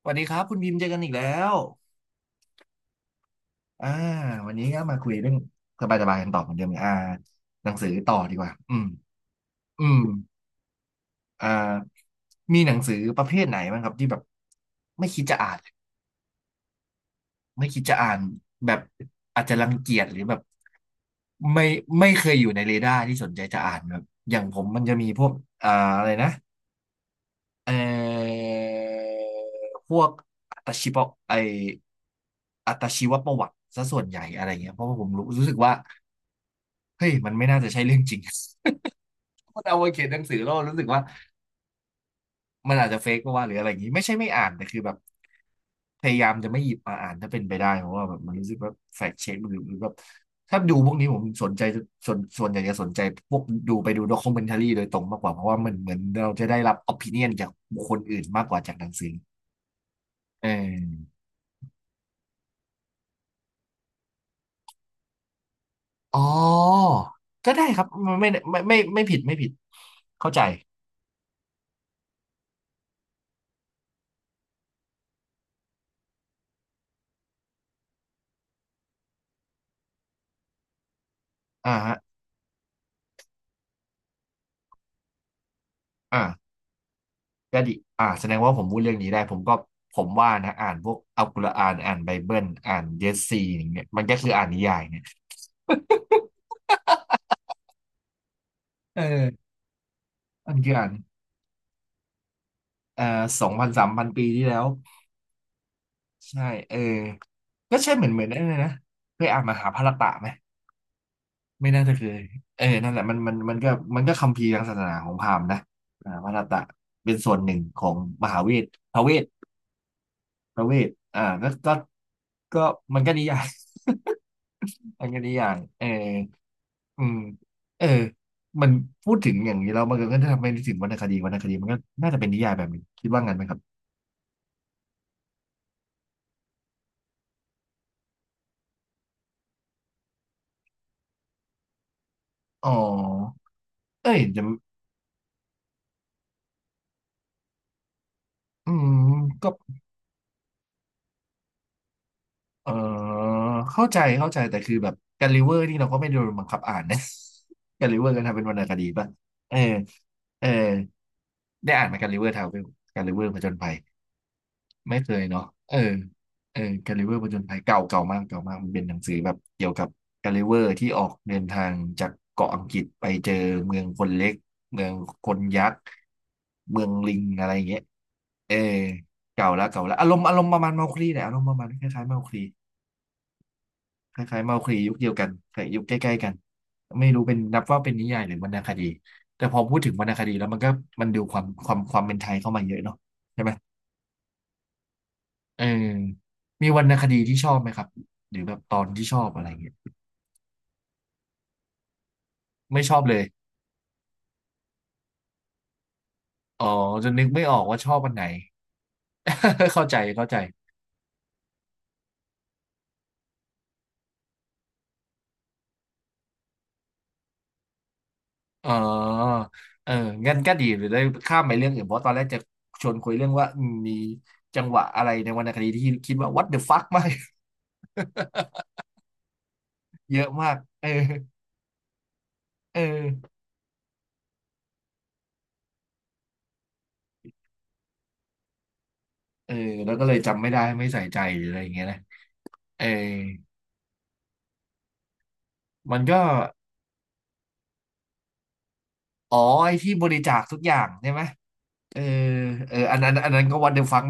สวัสดีครับคุณพิมพ์เจอกันอีกแล้วอ่าวันนี้ก็มาคุยเรื่องสบายๆกันต่อเหมือนเดิมหนังสือต่อดีกว่าอืมอ่ามีหนังสือประเภทไหนบ้างครับที่แบบไม่คิดจะอ่านไม่คิดจะอ่านแบบอาจจะรังเกียจหรือแบบไม่ไม่เคยอยู่ในเรดาร์ที่สนใจจะอ่านแบบอย่างผมมันจะมีพวกอ่าอะไรนะ เอ่อพวกอัตชีวะไออัตชีวประวัติซะส่วนใหญ่อะไรเงี้ย เพราะว่าผมรู้สึกว่าเฮ้ยมันไม่น่าจะใช่เรื่องจริง มันเอาไปเขียนหนังสือแล้วรู้สึกว่ามันอาจจะเฟกก็ว่าหรืออะไรอย่างงี้ไม่ใช่ไม่อ่านแต่คือแบบพยายามจะไม่หยิบมาอ่านถ้าเป็นไปได้เพราะว่าแบบมันรู้สึกว่าแฟกเช็คหรือแบบถ้าดูพวกนี้ผมสนใจส่วนใหญ่จะสนใจพวกดูไปดูด็อก u m e n t a r y โดยตรงมากกว่าเพราะว่ามันเหมือนเราจะได้รับ opinion จากบุคคลอื่นมากกว่าจากหนังสือเออ อ๋อก็ได้ครับไม่ผิดไม่ผิดเข้าใจอ่าฮะอ่าก็ดีแสดงว่าผมพูดเรื่องนี้ได้ผมก็ผมว่านะอ่านพวกอัลกุรอานอ่านไบเบิลอ่านเยสซีอย่างเงี้ยมันก็คืออ่านนิยายเนี่ยเออมันคืออ่านเอ่อ2,000-3,000ปีที่แล้วใช่เออก็ใช่เหมือนนั่นเลยนะเคยอ่านมหาภารตะไหมไม่น่าจะเคยเออนั่นแหละมันก็คัมภีร์ทางศาสนาของพราหมณ์นะมหาภารตะเป็นส่วนหนึ่งของมหาเวทพระเวท ประเวทก็ก็ก็มันก็นิยาย มันก็นิยายเอออืมเออมันพูดถึงอย่างนี้เรามันก็จะทำให้นึกถึงวรรณคดีมันก็น่าจะเป็นนิยายแบบนี้คิดว่างั้นไหมครับอ๋อเอ้ยอืมก็เออเข้าใจเข้าใจแต่คือแบบแกลิเวอร์นี่เราก็ไม่ได้โดนบังคับอ่านนะ แกลิเวอร์ก็ทำเป็นวรรณคดีป่ะเออเออได้อ่านไหมแกลิเวอร์ทาวเวลแกลิเวอร์ผจญภัย ไม่เคยเนาะเออเออกาลิเวอร์ผจญภัยเก่าเก่ามากเก่ามากมันเป็นหนังสือแบบเกี่ยวกับกาลิเวอร์ที่ออกเดินทางจากเกาะอังกฤษไปเจอเมืองคนเล็กเมืองคนยักษ์เมืองลิงอะไรอย่างเงี้ยเออเก่าละเก่าละอารมณ์ประมาณเมาคลีแหละอารมณ์ประมาณคล้ายๆเมาคลีคล้ายๆเมาคลียุคเดียวกันแต่ยุคใกล้ๆกันไม่รู้เป็นนับว่าเป็นนิยายหรือวรรณคดีแต่พอพูดถึงวรรณคดีแล้วมันก็มันดูความเป็นไทยเข้ามาเยอะเนาะใช่ไหม เออมีวรรณคดีที่ชอบไหมครับหรือแบบตอนที่ชอบอะไรเงี้ยไม่ชอบเลยอ๋อจะนึกไม่ออกว่าชอบอันไหน เข้าใจเข้าใจอ๋อเอองั้นก็ดีหรือได้ข้ามไปเรื่องอื่นเพราะตอนแรกจะชวนคุยเรื่องว่ามีจังหวะอะไรในวรรณคดีที่คิดว่า what the fuck มาก เยอะมากเออเออเออแล้วก็เลยจำไม่ได้ไม่ใส่ใจหรืออะไรอย่างเงี้ยนะเออมันก็อ๋อไอ้ที่บริจาคทุกอย่างใช่ไหมเออเอออันนั้นก็วันเดอร์ฟัง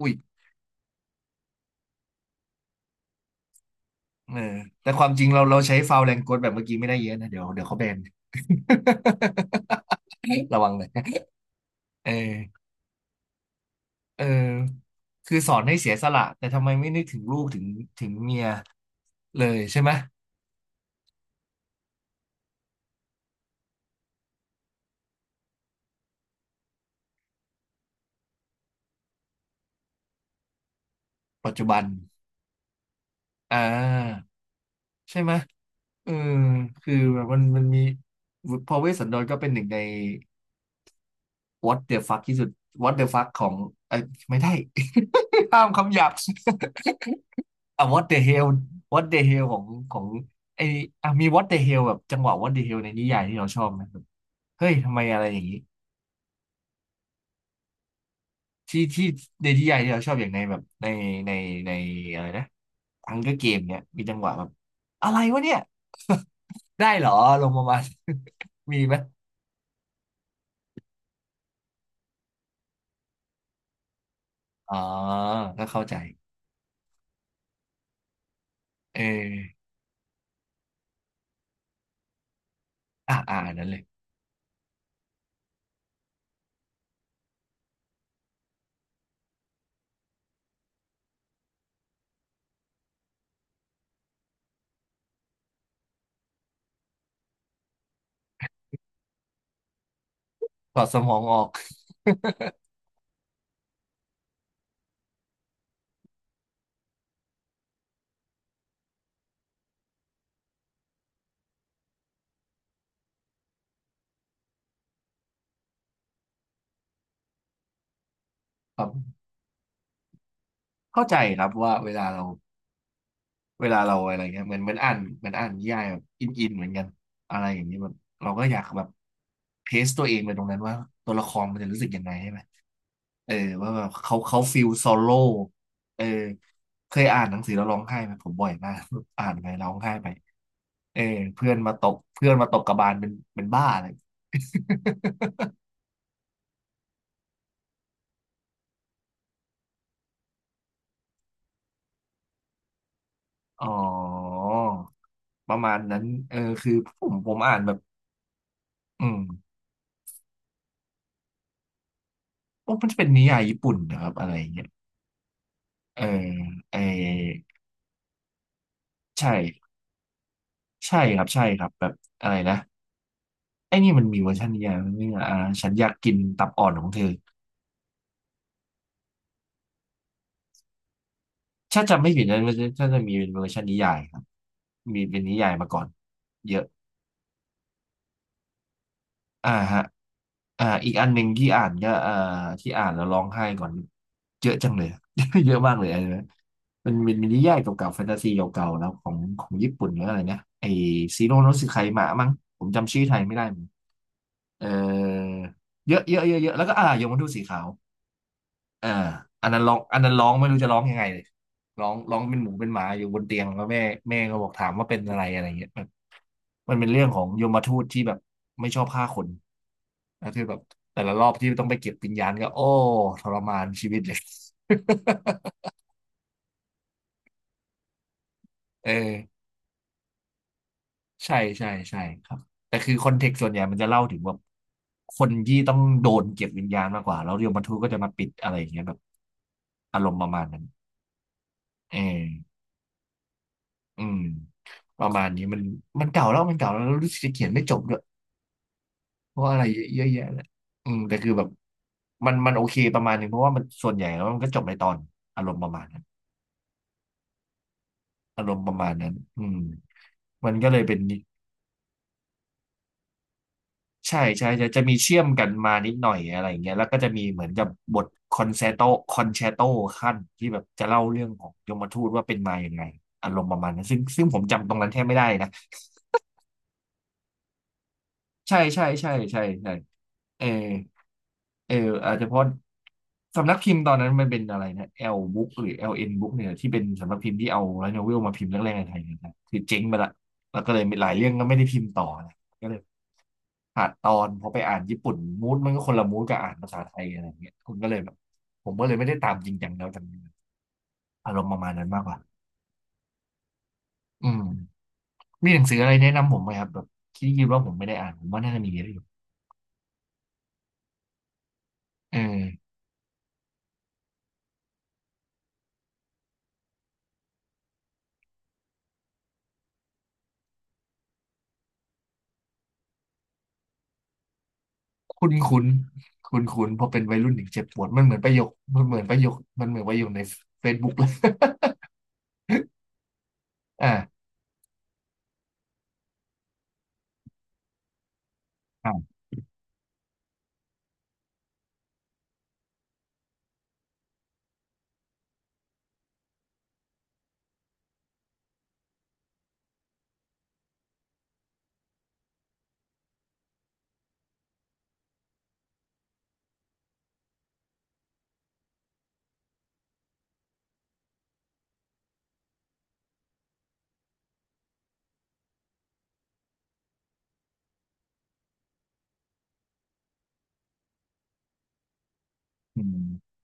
อุ้ยเออแต่ความจริงเราใช้ฟาวล์แรงกดแบบเมื่อกี้ไม่ได้เยอะนะเดี๋ยวเดี๋ยวเขาแบน ระวังเลยเออเออคือสอนให้เสียสละแต่ทำไมไม่นึกถึงลูกถึงเมียเลยใช่ไหมปัจจุบันอ่าใช่ไหมเออคือแบบมันมีพอเวสสันดรก็เป็นหนึ่งใน what the fuck ที่สุด what the fuck ของไอยไม่ได้ ห้ามคำหยาบ อ่ะ what the hell what the hell ของของไออ่ะมี what the hell แบบจังหวะ what the hell ในนิยายที่เราชอบไหมแบบเฮ้ยทำไมอะไรอย่างนี้ที่ในนิยายที่เราชอบอย่างในแบบในในอะไรนะทังเกอร์เกมเนี่ยมีจังหวะแบบอะไรวะเนี่ยได้เหรอลงมามา มีไหมอ๋อก็เข้าใจเอออ่ะอ่อนนั้นเลยถอดสมองออก ครับเข้าใจครับว่าเวลาเรา เวลาเราอะไรเงี้ยเหมือนอ่านเหมือนอ่านนิยายแบบอินเหมือนกันอะไรอย่างนี้แบบเราก็อยากแบบเทสตัวเองไปตรงนั้นว่าตัวละครมันจะรู้สึกยังไงใช่ไหมเออว่าแบบเขาฟีลโซโล่เออเคยอ่านหนังสือแล้วร้องไห้ไหมผมบ่อยมาก อ่านไปร้องไห้ไปเออเพื่อนมาตบกระบาลเป็นบ้าเลย อ๋อประมาณนั้นเออคือผมอ่านแบบอืมมันจะเป็นนิยายญี่ปุ่นนะครับอะไรอย่างเงี้ยเออเออใช่ ใช่ครับใช่ครับแบบอะไรนะไอ้นี่มันมีเวอร์ชันนิยายไหมเนี่ยฉันอยากกินตับอ่อนของเธอถ้าจำไม่ผิดนะมันจะถ้าจะมีเป็นเวอร์ชันนิยายครับมีเป็นนิยายมาก่อนเยอะอ่าฮะอีกอันหนึ่งที่อ่านก็ที่อ่านแล้วร้องไห้ก่อนเยอะจังเลย เยอะมากเลยอันนะมันเป็นมินิยายเก่าๆแฟนตาซีเก่าๆแล้วของญี่ปุ่นหรืออะไรนะไอซีโร่โนสึไคมะมั้งผมจำชื่อไทยไม่ได้เหมือนเออเยอะเยอะเยอะเยอะแล้วก็ยมทูตสีขาว เอออันนั้นร้องไม่รู้จะร้องยังไงเลยร้องเป็นหมูเป็นหมาอยู่บนเตียงแล้วแม่ก็บอกถามว่าเป็นอะไรอะไรเงี้ยมันเป็นเรื่องของยมทูตที่แบบไม่ชอบฆ่าคนแล้วคือแบบแต่ละรอบที่ต้องไปเก็บวิญญาณก็โอ้ทรมานชีวิตเลย เออใช่ใช่ใช่ครับแต่คือคอนเทกต์ส่วนใหญ่มันจะเล่าถึงแบบคนที่ต้องโดนเก็บวิญญาณมากกว่าแล้วยมทูตก็จะมาปิดอะไรอย่างเงี้ยแบบอารมณ์ประมาณนั้นเออ อืมประมาณนี้มันมันเก่าแล้วแล้วรู้สึกจะเขียนไม่จบด้วยเพราะอะไรเยอะแยะเลยอืมแต่คือแบบมันโอเคประมาณหนึงเพราะว่ามันส่วนใหญ่แล้วมันก็จบในตอนอารมณ์ประมาณนั้นอารมณ์ประมาณนั้นอืมมันก็เลยเป็นใช่ใช่จะมีเชื่อมกันมานิดหน่อยอะไรอย่างเงี้ยแล้วก็จะมีเหมือนกับบทคอนแซโตคอนแชโตขั้นที่แบบจะเล่าเรื่องของยมทูตว่าเป็นมาอย่างไงอารมณ์ประมาณนั้นซึ่งผมจำตรงนั้นแทบไม่ได้นะ ใช่เออเอออาจจะเพราะสำนักพิมพ์ตอนนั้นมันเป็นอะไรนะ L Book หรือ LN Book เนี่ยที่เป็นสำนักพิมพ์ที่เอาไลท์โนเวลมาพิมพ์แรกๆในไทยนะครับคือเจ๊งไปละแล้วก็เลยมีหลายเรื่องก็ไม่ได้พิมพ์ต่อนะก็เลยขาดตอนพอไปอ่านญี่ปุ่นมูดมันก็คนละมูดกับอ่านภาษาไทยอะไรอย่างเงี้ยคุณก็เลยแบบผมก็เลยไม่ได้ตามจริงจังแล้วจังอารมณ์ประมาณนั้นมากกว่าอืมมีหนังสืออะไรแนะนำผมไหมครับแบบที่คิดว่าผมไม่ได้อ่านผมว่าน่าจะมีเยอะอยู่เออ คุ้นคุ้นคุ้นคุ้นเพอเป็นวัยรุ่นถึงเจ็บปวดมันเหมือนประโยคมันเหมือนประโยคมันเหมือนประโยคในเฟซบุ๊กเลยอ่าอ่าอืม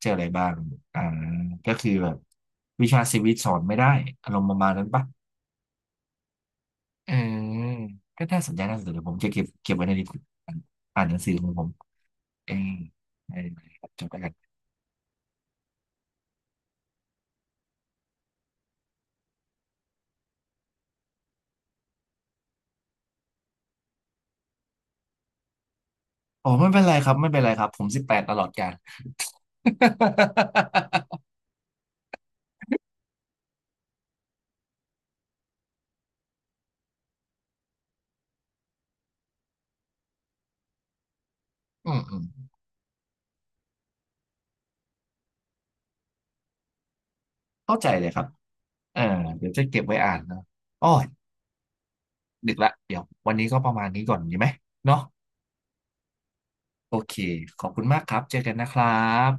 เจออะไรบ้างอ่าก็คือแบบวิชาชีวิตสอนไม่ได้อารมณ์ประมาณนั้นปะเออก็น่าสนใจเดี๋ยวผมจะเก็บไว้ในลิสต์อ่านอ่านหนังสือของผมเองได้เออจบแล้วกันอ๋อไม่เป็นไรครับไม่เป็นไรครับผมสิบแปดตลอดกาล อืมเข้าใจเลยครับเออเดี๋ยวจะเก็บไว้อ่านนะอ๋อ ดึกละเดี๋ยววันนี้ก็ประมาณนี้ก่อนดีไหมเนาะโอเค ขอบคุณมากครับ เจอกันนะครับ